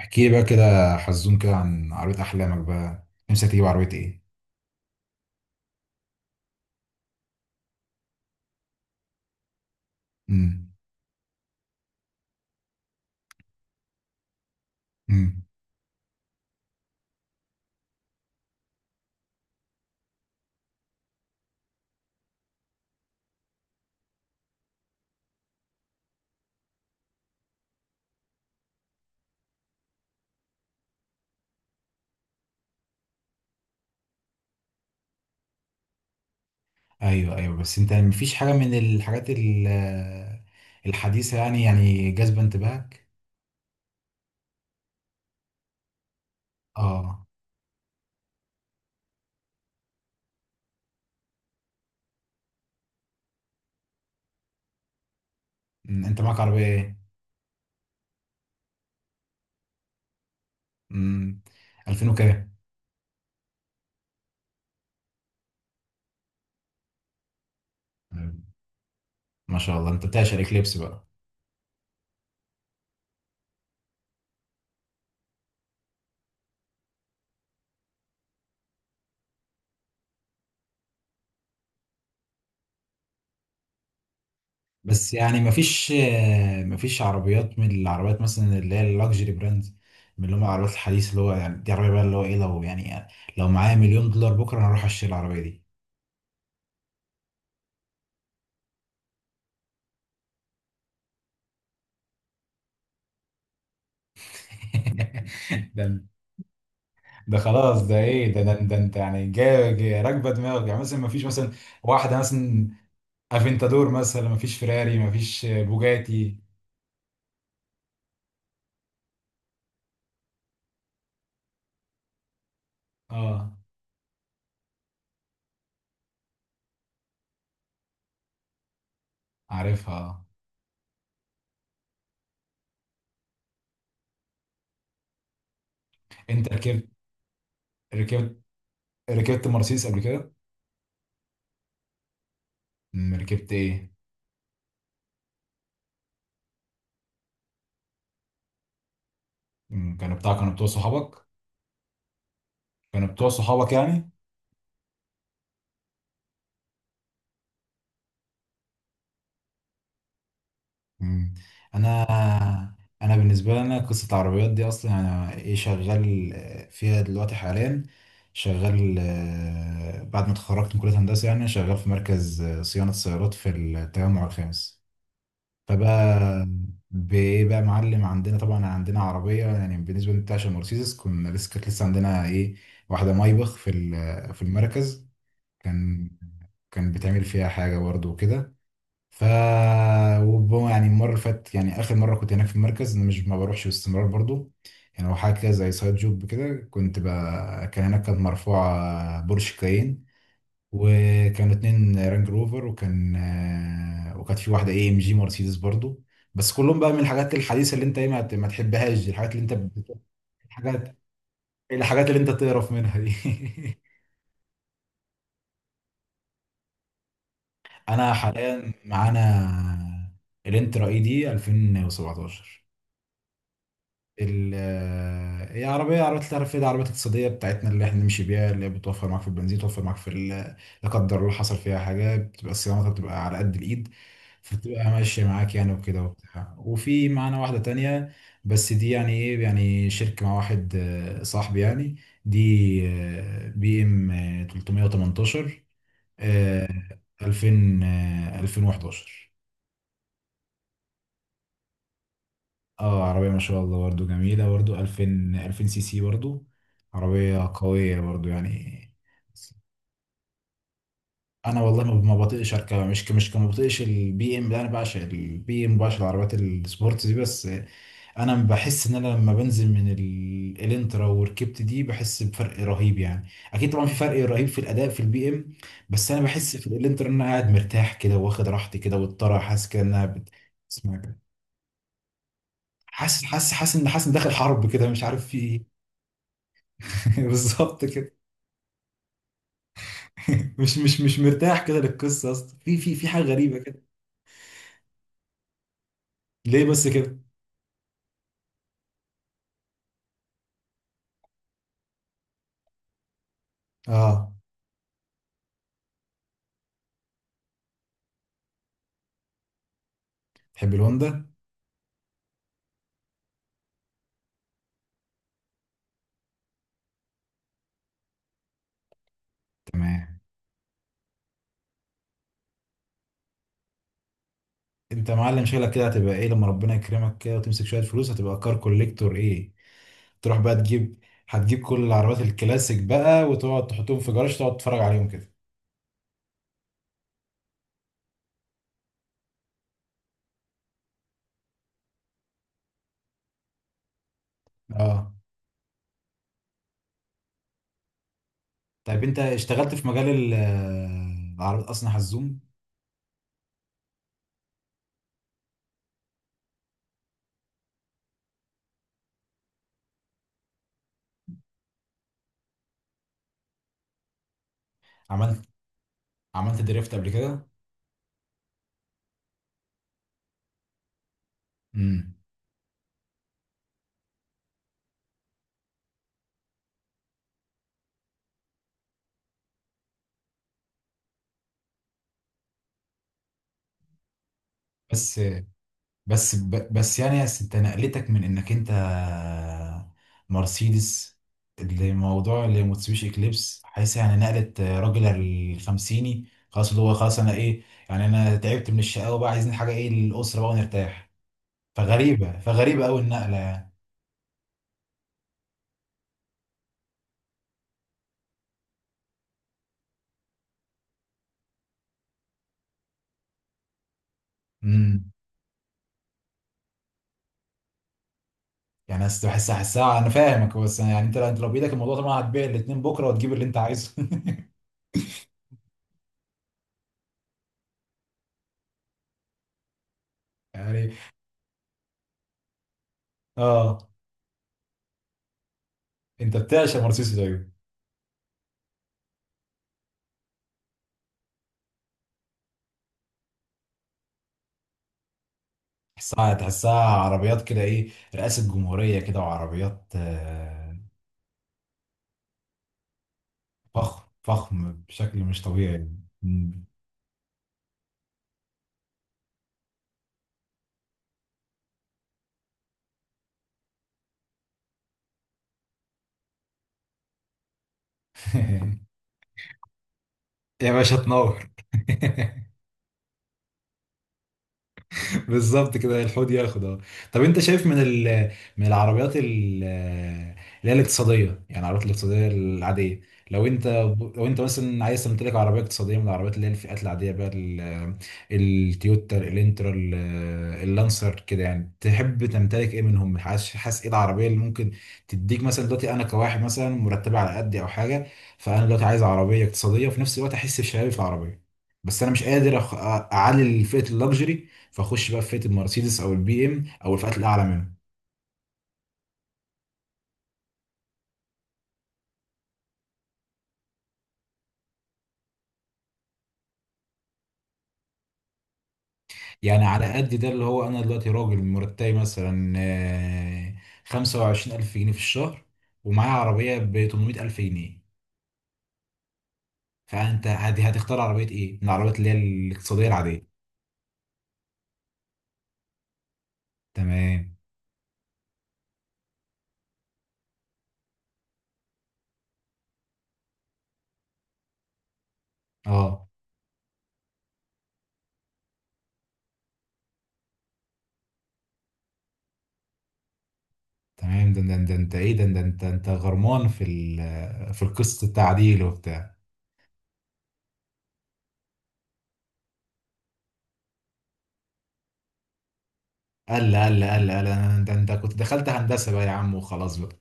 احكي لي بقى كده حزون كده عن عربية أحلامك بقى، نفسك تجيب عربية إيه؟ امم. امم. أيوه، أيوه، بس أنت مفيش حاجة من الحاجات الحديثة يعني جاذبة انتباهك؟ أه. أنت معاك عربية إيه؟ امم. 2000 وكام؟ أمم، ما شاء الله أنت بتعشق الإكليبس بقى. بس يعني مفيش مفيش عربيات من العربيات مثلا اللي هي اللكجري براندز، من اللي هم العربيات الحديثة اللي هو يعني دي عربية بقى اللي هو إيه، لو يعني لو معايا مليون دولار بكرة أنا هروح أشتري العربية دي. ده ده خلاص، ده ايه ده، ده انت يعني راكبه دماغك، يعني مثلا ما فيش مثلا واحده، مثلا افنتادور، مثلا ما فيش فيراري، ما فيش بوجاتي. اه، عارفها آه. انت ركبت، ركبت ركبت مرسيدس قبل كده؟ ركبت ايه؟ كانوا بتوع صحابك؟ كانوا بتوع صحابك يعني؟ مم. انا انا بالنسبه لي، انا قصه العربيات دي اصلا انا ايه شغال فيها دلوقتي حاليا. شغال، بعد ما اتخرجت من كليه هندسه يعني شغال في مركز صيانه سيارات في التجمع الخامس. فبقى بايه بقى معلم، عندنا طبعا عندنا عربيه يعني بالنسبه للتاشا مرسيدس، كنا لسه كانت لسه عندنا ايه واحده مايبخ في المركز. كان كان بتعمل فيها حاجه برضه وكده، ف يعني المره اللي فاتت، يعني اخر مره كنت هناك في المركز، انا مش ما بروحش باستمرار برضو، يعني هو حاجه كده زي سايد جوب كده كان هناك كانت مرفوعه بورش كاين، وكانوا اتنين رانج روفر، وكانت في واحده اي ام جي مرسيدس برضو، بس كلهم بقى من الحاجات الحديثه اللي انت ايه ما تحبهاش دي، الحاجات اللي انت الحاجات الحاجات اللي انت تقرف منها دي. انا حاليا معانا الانترا اي دي 2017، ال آه، هي عربية التعرف دي، عربيات اقتصادية بتاعتنا اللي احنا نمشي بيها، اللي هي بتوفر معاك في البنزين، توفر معاك لا قدر الله حصل فيها حاجة بتبقى صيانتها بتبقى على قد الإيد، فبتبقى ماشية معاك يعني وكده وبتاع. وفي معانا واحدة تانية، بس دي يعني ايه يعني شركة مع واحد صاحبي يعني، دي بي ام 318، آه، 2000، 2011. اه، عربية ما شاء الله برضو، جميلة برضو، 2000، 2000 سي سي برضو، عربية قوية برضو يعني. انا والله ما بطيقش اركبها، مش ك- مش ك- ما بطيقش البي ام ده، انا بعشق البي ام، بعشق العربيات السبورت دي. بس انا بحس ان انا لما بنزل من الانترا وركبت دي بحس بفرق رهيب يعني، اكيد طبعا في فرق رهيب في الاداء في البي ام. بس انا بحس في الانترا ان انا قاعد مرتاح كده واخد راحتي كده، والطرح حاسس كده اسمها كده. حاسس ان داخل حرب كده، مش عارف في. بالظبط كده. مش مرتاح كده للقصه اصلا، في حاجه غريبه كده. ليه بس كده؟ اه، تحب الهوندا. تمام. انت يا معلم شغلك كده هتبقى ايه لما ربنا يكرمك كده وتمسك شويه فلوس؟ هتبقى كار كوليكتور ايه، تروح بقى تجيب، هتجيب كل العربيات الكلاسيك بقى وتقعد تحطهم في جراج تقعد تتفرج عليهم كده. اه، طيب انت اشتغلت في مجال العربيات اصلا حزوم؟ عملت عملت دريفت قبل كده؟ امم بس بس يعني يا ست، نقلتك من انك انت مرسيدس لموضوع لموتسوبيشي اكليبس، حيث يعني نقلت راجل الخمسيني خلاص، اللي هو خلاص انا ايه، يعني انا تعبت من الشقاوة بقى، عايزين حاجة ايه للأسرة بقى ونرتاح. فغريبة قوي النقلة يعني. امم يعني أصل حسها، انا فاهمك، بس يعني انت لو بايدك الموضوع طبعا هتبيع الاتنين بكرة وتجيب اللي انت عايزه. يعني. اه، انت بتعشق مرسيدس طيب. تحسها عربيات كده ايه، رئاسة جمهورية كده، وعربيات فخم فخم بشكل مش طبيعي. مم. يا باشا تنور. بالظبط كده، الحوض ياخد اه. طب انت شايف من من العربيات اللي هي الاقتصاديه، يعني العربيات الاقتصاديه العاديه، لو انت لو انت مثلا عايز تمتلك عربيه اقتصاديه من العربيات اللي هي الفئات العاديه بقى التويوتا، الانترا، اللانسر كده، يعني تحب تمتلك ايه منهم؟ حاسس ايه العربيه اللي ممكن تديك مثلا دلوقتي؟ انا كواحد مثلا مرتب على قدي او حاجه، فانا دلوقتي عايز عربيه اقتصاديه وفي نفس الوقت احس بشبابي في العربيه، بس انا مش قادر اعلي فئه اللوكسجري، فاخش بقى في فئه المرسيدس او البي ام او الفئات الاعلى منه. يعني على قد ده اللي هو انا دلوقتي راجل مرتبي مثلا 25000 جنيه في الشهر، ومعايا عربيه ب 800000 جنيه، فانت هتختار عربيه ايه من العربيات اللي هي الاقتصاديه العاديه؟ تمام. اه، تمام. ده انت ايه، ده انت غرمان في في القسط التعديل وبتاع؟ قال لا قال لا قال لا قال لا، ده انت كنت دخلت هندسه بقى يا عم وخلاص بقى.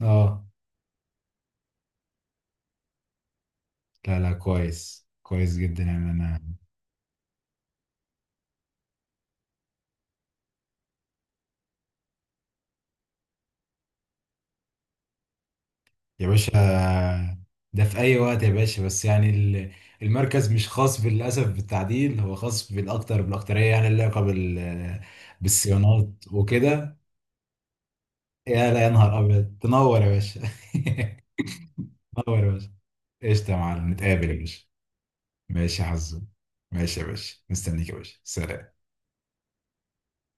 اه، لا لا، كويس كويس جدا يعني انا. يا باشا، ده في أي وقت يا باشا، بس يعني المركز مش خاص بالأسف بالتعديل، هو خاص بالأكترية يعني، اللي علاقة بالصيانات وكده. يا، لا يا نهار أبيض، تنور يا باشا. تنور يا باشا. قشطة يا معلم، نتقابل يا باشا. ماشي يا حظ. ماشي يا باشا، مستنيك يا باشا، سلام.